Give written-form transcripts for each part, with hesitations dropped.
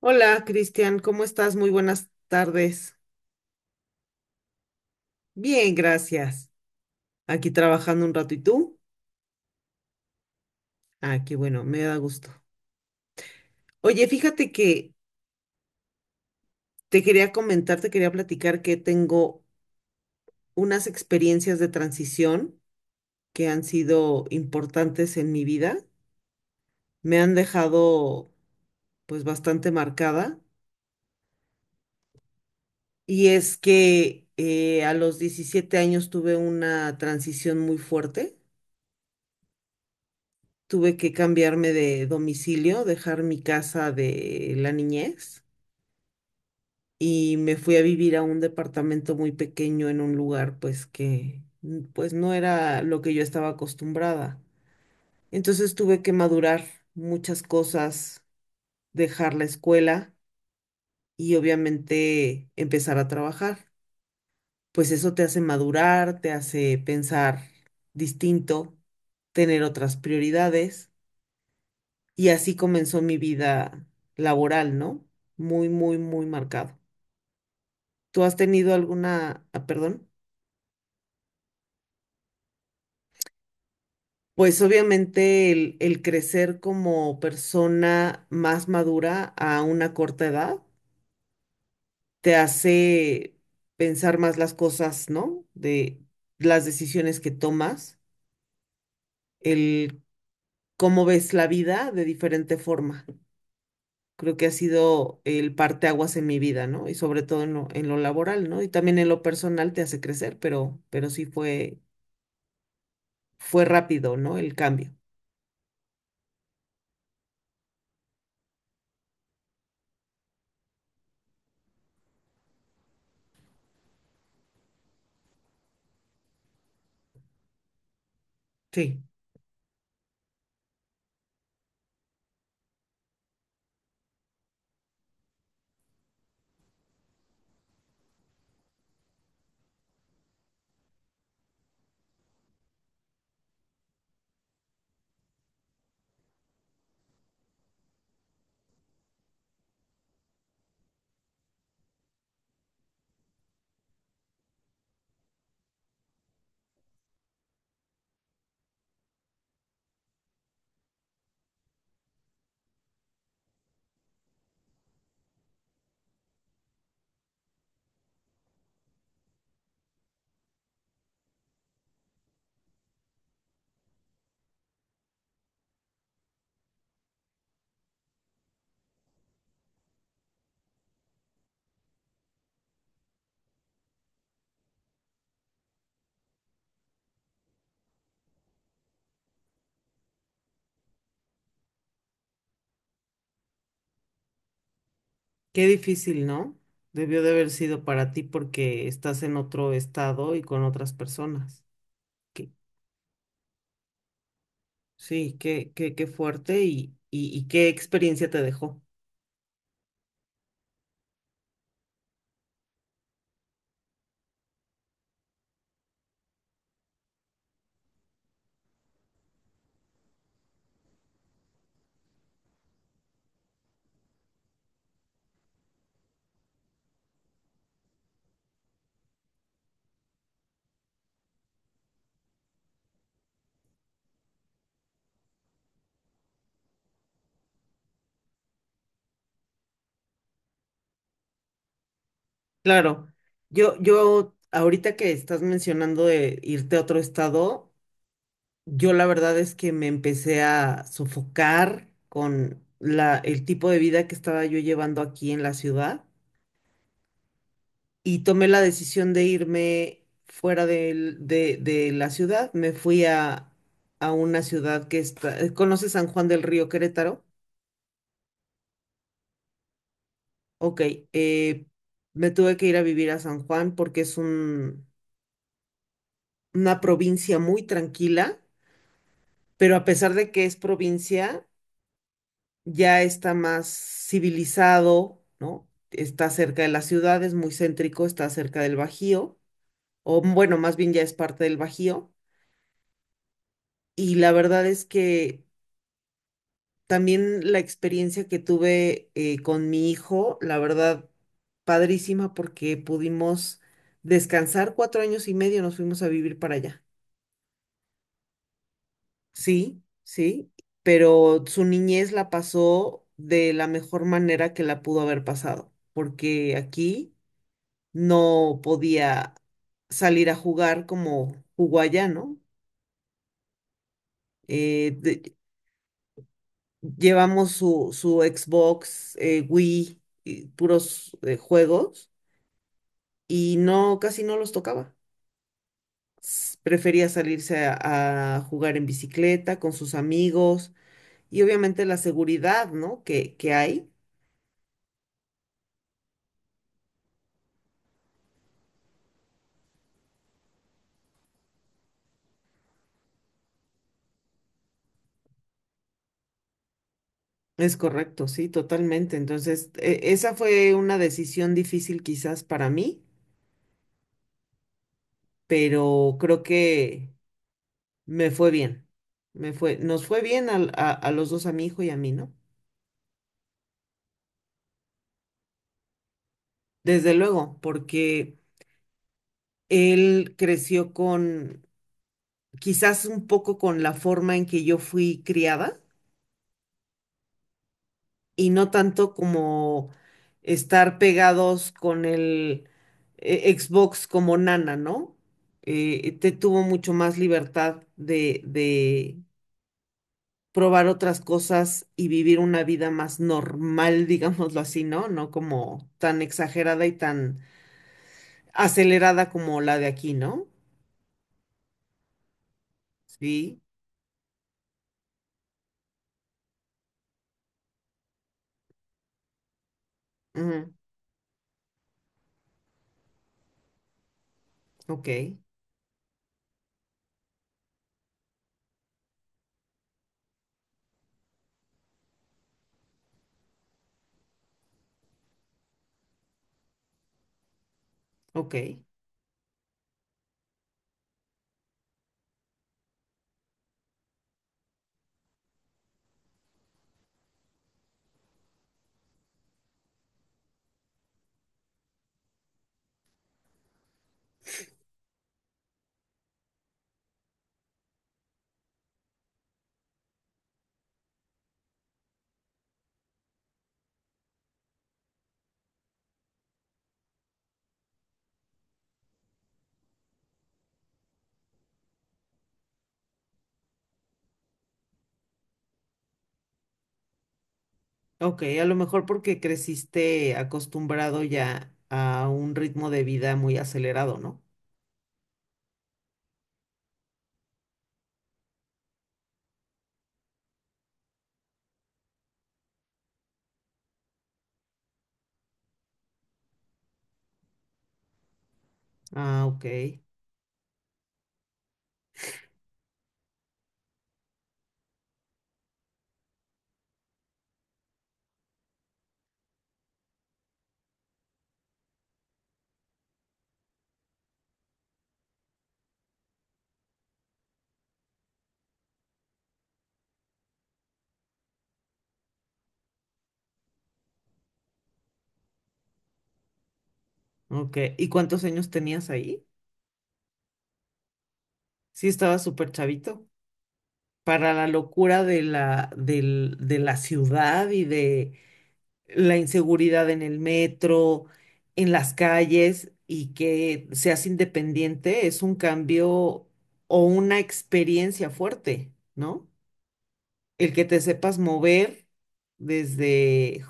Hola, Cristian, ¿cómo estás? Muy buenas tardes. Bien, gracias. Aquí trabajando un rato, ¿y tú? Ah, qué bueno, me da gusto. Oye, fíjate que te quería platicar que tengo unas experiencias de transición que han sido importantes en mi vida. Me han dejado pues bastante marcada. Y es que a los 17 años tuve una transición muy fuerte, tuve que cambiarme de domicilio, dejar mi casa de la niñez y me fui a vivir a un departamento muy pequeño en un lugar pues que pues no era lo que yo estaba acostumbrada. Entonces tuve que madurar muchas cosas, dejar la escuela y obviamente empezar a trabajar. Pues eso te hace madurar, te hace pensar distinto, tener otras prioridades. Y así comenzó mi vida laboral, ¿no? Muy, muy, muy marcado. ¿Tú has tenido alguna, ah, perdón? Pues obviamente el crecer como persona más madura a una corta edad te hace pensar más las cosas, ¿no? De las decisiones que tomas, el cómo ves la vida de diferente forma. Creo que ha sido el parteaguas en mi vida, ¿no? Y sobre todo en lo laboral, ¿no? Y también en lo personal te hace crecer, pero sí fue rápido, ¿no? El cambio. Sí, qué difícil, ¿no? Debió de haber sido para ti porque estás en otro estado y con otras personas. Que- sí, qué fuerte y qué experiencia te dejó. Claro, yo ahorita que estás mencionando de irte a otro estado, yo la verdad es que me empecé a sofocar con el tipo de vida que estaba yo llevando aquí en la ciudad y tomé la decisión de irme de la ciudad. A una ciudad que está... ¿Conoces San Juan del Río, Querétaro? Ok, eh, me tuve que ir a vivir a San Juan porque una provincia muy tranquila, pero a pesar de que es provincia ya está más civilizado, ¿no? Está cerca de las ciudades, muy céntrico, está cerca del Bajío, o bueno, más bien ya es parte del Bajío. Y la verdad es que también la experiencia que tuve con mi hijo, la verdad, padrísima porque pudimos descansar 4 años y medio, nos fuimos a vivir para allá. Sí, sí, pero su niñez la pasó de la mejor manera que la pudo haber pasado, porque aquí no podía salir a jugar como jugó allá, ¿no? Eh, de- Llevamos su Xbox, Wii, y puros juegos y no, casi no los tocaba. Prefería salirse a jugar en bicicleta con sus amigos y obviamente la seguridad, ¿no? Que hay. Es correcto, sí, totalmente. Entonces, esa fue una decisión difícil quizás para mí, pero creo que me fue bien. Nos fue bien a a, los dos, a mi hijo y a mí, ¿no? Desde luego, porque él creció con, quizás un poco con la forma en que yo fui criada y no tanto como estar pegados con el Xbox como nana, ¿no? Te tuvo mucho más libertad de probar otras cosas y vivir una vida más normal, digámoslo así, ¿no? No como tan exagerada y tan acelerada como la de aquí, ¿no? Sí. Ujú, ok, ok, ok. A lo mejor porque creciste acostumbrado ya a un ritmo de vida muy acelerado, ¿no? Ah, ok, ok. ¿Y cuántos años tenías ahí? Sí, estaba súper chavito. Para la locura de de la ciudad y de la inseguridad en el metro, en las calles y que seas independiente es un cambio o una experiencia fuerte, ¿no? El que te sepas mover desde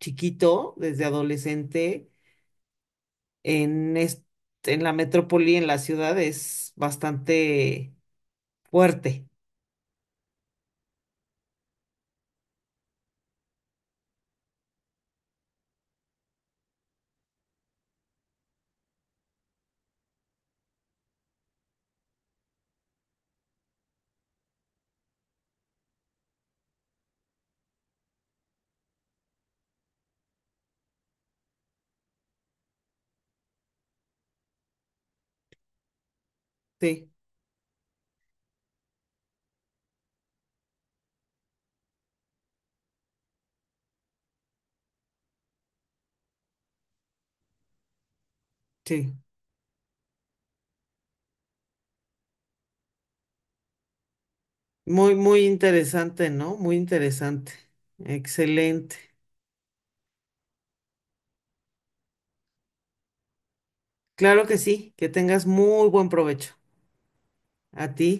chiquito, desde adolescente, en, est- en la metrópoli, en la ciudad, es bastante fuerte. Sí, sí. Muy, muy interesante, ¿no? Muy interesante. Excelente. Claro que sí, que tengas muy buen provecho. A ti.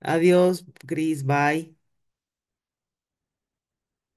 Adiós, Cris, bye.